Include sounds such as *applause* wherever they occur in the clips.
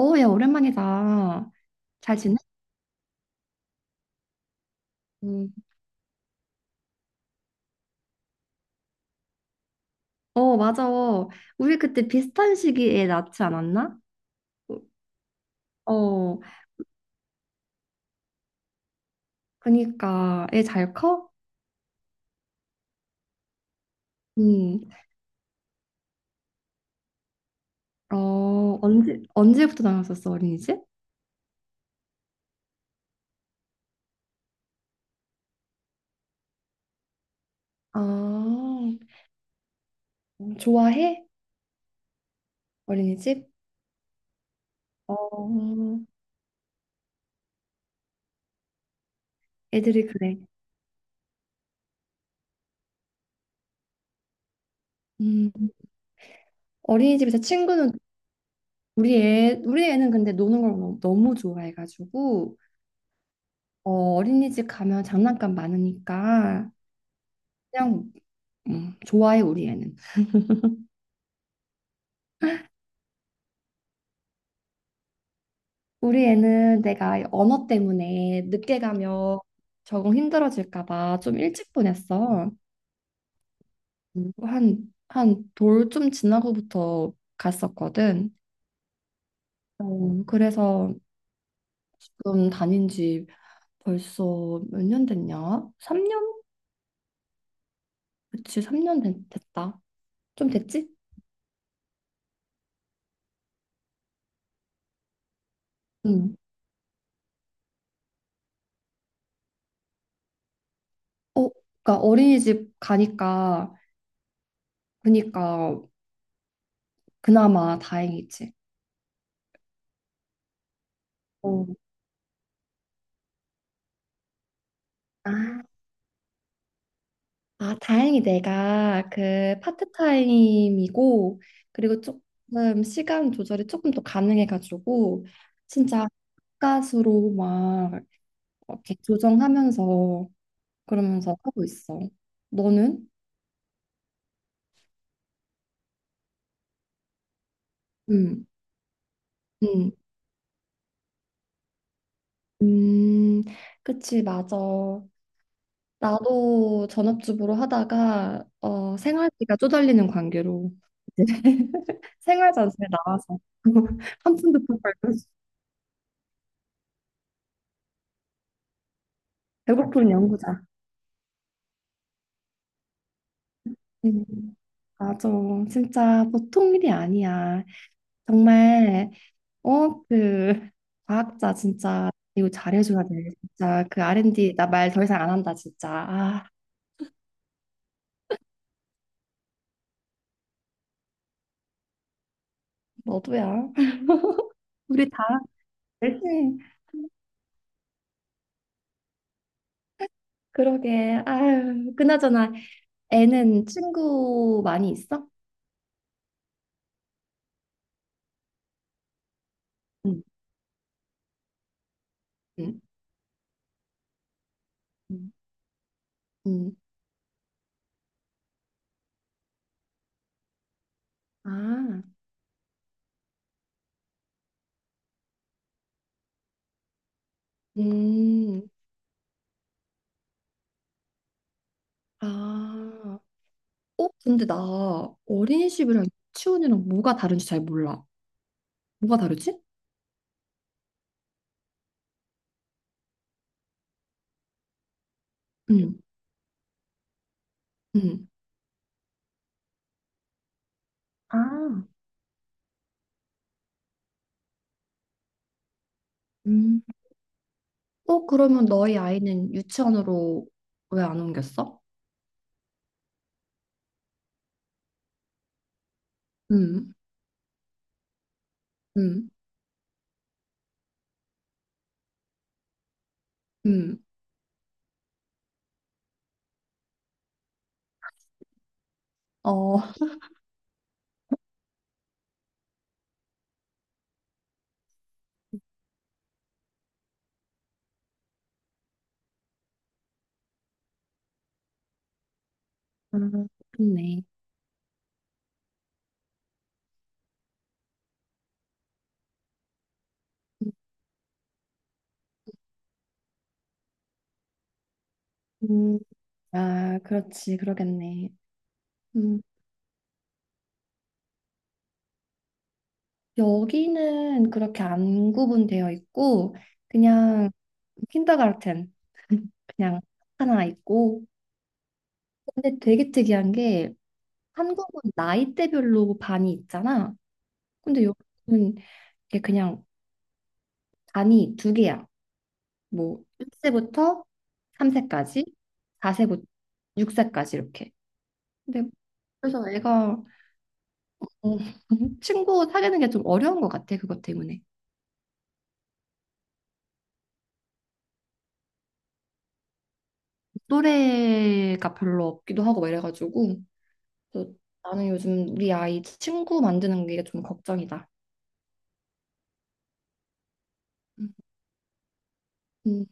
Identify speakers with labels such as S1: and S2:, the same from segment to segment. S1: 어, 야, 오랜만이다. 잘 지내? 음, 어, 맞아. 우리 그때 비슷한 시기에 낳지 않았나? 어, 그니까 애 잘 커? 응. 어, 언제부터 나왔었어, 어린이집? 아, 어, 좋아해? 어린이집? 어, 애들이 그래. 음, 어린이집에서 친구는 우리 애는 근데 노는 걸 너무, 너무 좋아해가지고. 어, 어린이집 가면 장난감 많으니까 그냥 좋아해, 우리 애는. 우리 애는 내가 언어 때문에 늦게 가면 적응 힘들어질까 봐 좀 일찍 보냈어. 음. 한, 한 돌 좀 지나고부터 갔었거든. 어, 그래서 지금 다닌 지 벌써 몇 년 됐냐? 3년? 그치, 3년 됐, 다좀 됐지? 응. 어, 그러니까 어린이집 가니까, 그니까 그나마 다행이지. 어. 아. 아, 다행히 내가 그 파트타임이고, 그리고 조금 시간 조절이 조금 더 가능해가지고, 진짜 가수로 막 이렇게 조정하면서 그러면서 하고 있어. 너는? 응, 응, 음, 그치, 맞아. 나도 전업주부로 하다가, 어, 생활비가 쪼달리는 관계로 이제 *laughs* 생활 전세 나와서 *laughs* 한 푼도 못 벌고 배고픈 연구자. 음. 맞아. 진짜 보통 일이 아니야. 정말, 어, 그, 과학자 진짜, 이거 잘해줘야 돼. 진짜, 그 R&D, 나 말 더 이상 안 한다, 진짜. 아, 너도야. *laughs* 우리 다 열심히, 그러게. 아유, 그나저나, 애는 친구 많이 있어? 응, 응, 응. 응. 아, 음, 아. 어, 근데 나 어린이집이랑 유치원이랑 뭐가 다른지 잘 몰라. 뭐가 다르지? 응. 응. 아, 음. 어, 그러면 너희 아이는 유치원으로 왜 안 옮겼어? 음, 음, 음. 어, 음, 좋네. 음. 아, 그렇지, 그러겠네. 음. 여기는 그렇게 안 구분되어 있고, 그냥 킨더가르텐, *laughs* 그냥 하나 있고. 근데 되게 특이한 게, 한국은 나이대별로 반이 있잖아. 근데 여기는 이게 그냥 반이 두 개야. 뭐 1세부터 3세까지, 4세부터 6세까지 이렇게. 근데 그래서 애가 어, *laughs* 친구 사귀는 게 좀 어려운 것 같아, 그것 때문에. 또래가 별로 없기도 하고 막 이래가지고. 그래서 나는 요즘 우리 아이 친구 만드는 게 좀 걱정이다. 음,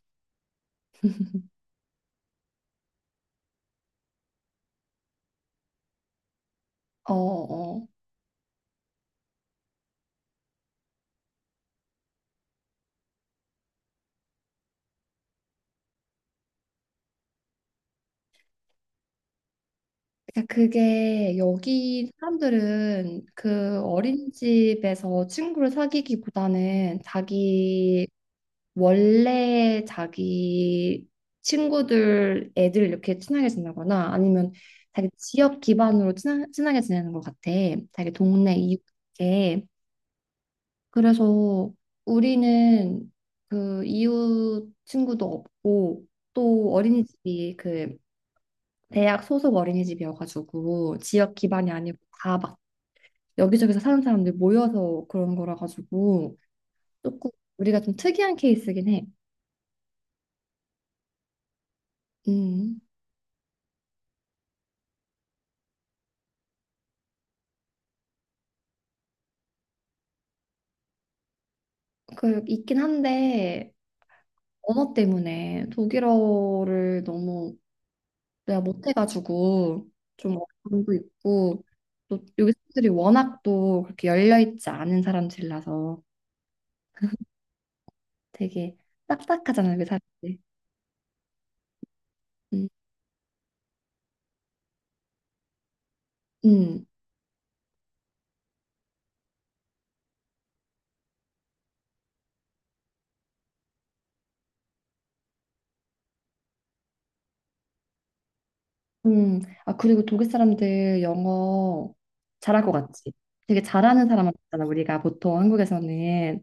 S1: 어, 어. 어. 그러니까 그게 여기 사람들은 그 어린이집에서 친구를 사귀기보다는 자기 원래 자기 친구들 애들 이렇게 친하게 지내거나 아니면 자기 지역 기반으로 친하게 지내는 것 같아. 자기 동네 이웃에. 그래서 우리는 그 이웃 친구도 없고 또 어린이집이 그 대학 소속 어린이집이어가지고 지역 기반이 아니고 다 막 여기저기서 사는 사람들 모여서 그런 거라 가지고 조금 우리가 좀 특이한 케이스긴 해. 음. 그 있긴 한데 언어 때문에 독일어를 너무 내가 못해가지고 좀 어려움도 있고 또 여기 사람들이 워낙 또 그렇게 열려 있지 않은 사람들이라서 되게 딱딱하잖아요, 여기 사람들이. 음, 음, 아 그리고 독일 사람들 영어 잘할 것 같지? 되게 잘하는 사람만 잖아 우리가 보통 한국에서는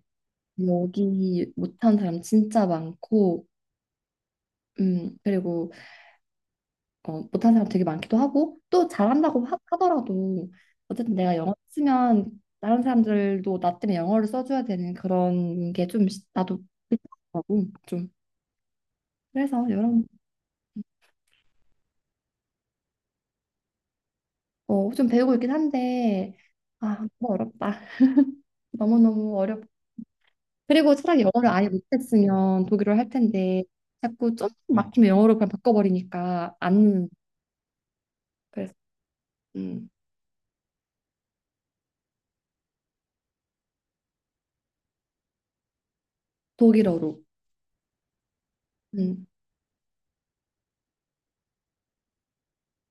S1: 여기 못하는 사람 진짜 많고, 그리고 어, 못하는 사람 되게 많기도 하고 또 잘한다고 하더라도 어쨌든 내가 영어 쓰면 다른 사람들도 나 때문에 영어를 써줘야 되는 그런 게 좀 나도 하고 좀 그래서 여러 어좀 배우고 있긴 한데 아 너무 어렵다. *laughs* 너무너무 어렵 그리고 차라리 영어를 아예 못했으면 독일어를 할 텐데 자꾸 좀 막히면 영어로 그냥 바꿔버리니까 안 그래서 음 독일어로. 음.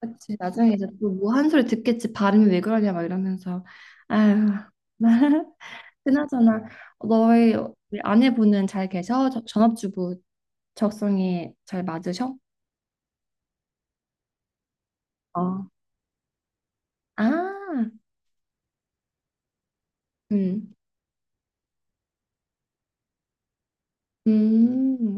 S1: 그치, 나중에 이제 또 뭐 한 소리 듣겠지. 발음이 왜 그러냐 막 이러면서. 아휴. *laughs* 그나저나 너희 우리 아내분은 잘 계셔? 저- 전업주부 적성에 잘 맞으셔? 어. 아, 음, 음,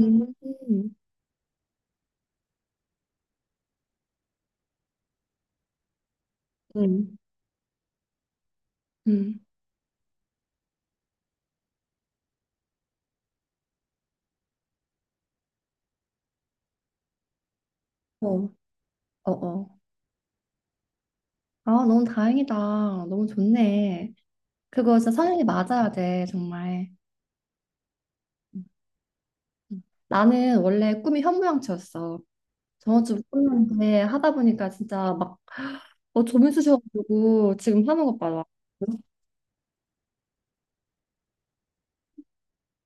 S1: 음, 음, 음. 음. 어, 어, 어. 아, 너무 다행이다. 너무 좋네. 그거 진짜 성향이 맞아야 돼, 정말. 음, 음. 나는 원래 꿈이 현모양처였어. 저번주 끝났는데 하다 보니까 진짜 막 어, 점이 쑤셔가지고 지금 하는 것 봐라.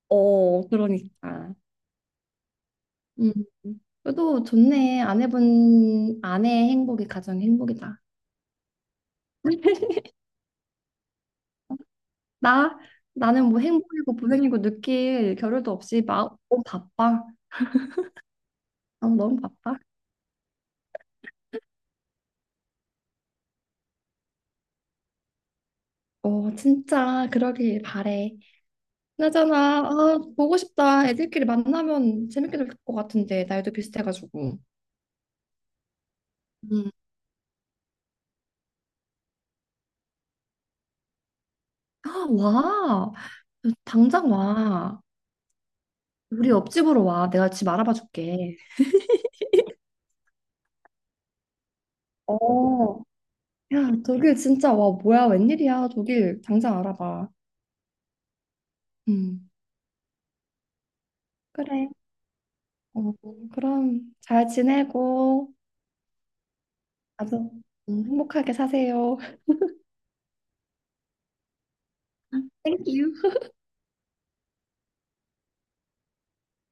S1: 어, 그러니까. 음. 그래도 좋네. 아내분 아내의 행복이 가장 행복이다. *laughs* 나 나는 뭐 행복이고 불행이고 느낄 겨를도 없이 막 너무 바빠. 아, 너무 바빠. 어, 진짜 그러길 바래. 그나저나 아, 보고 싶다. 애들끼리 만나면 재밌게 될 것 같은데 나이도 비슷해가지고. 음. 아, 와. 당장 와. 우리 옆집으로 와. 내가 집 알아봐 줄게. 어. 야, 독일 진짜 와. 뭐야? 웬일이야? 독일 당장 알아봐. 음. 그래. 어, 그럼 잘 지내고 아주 행복하게 사세요. *laughs* 땡큐.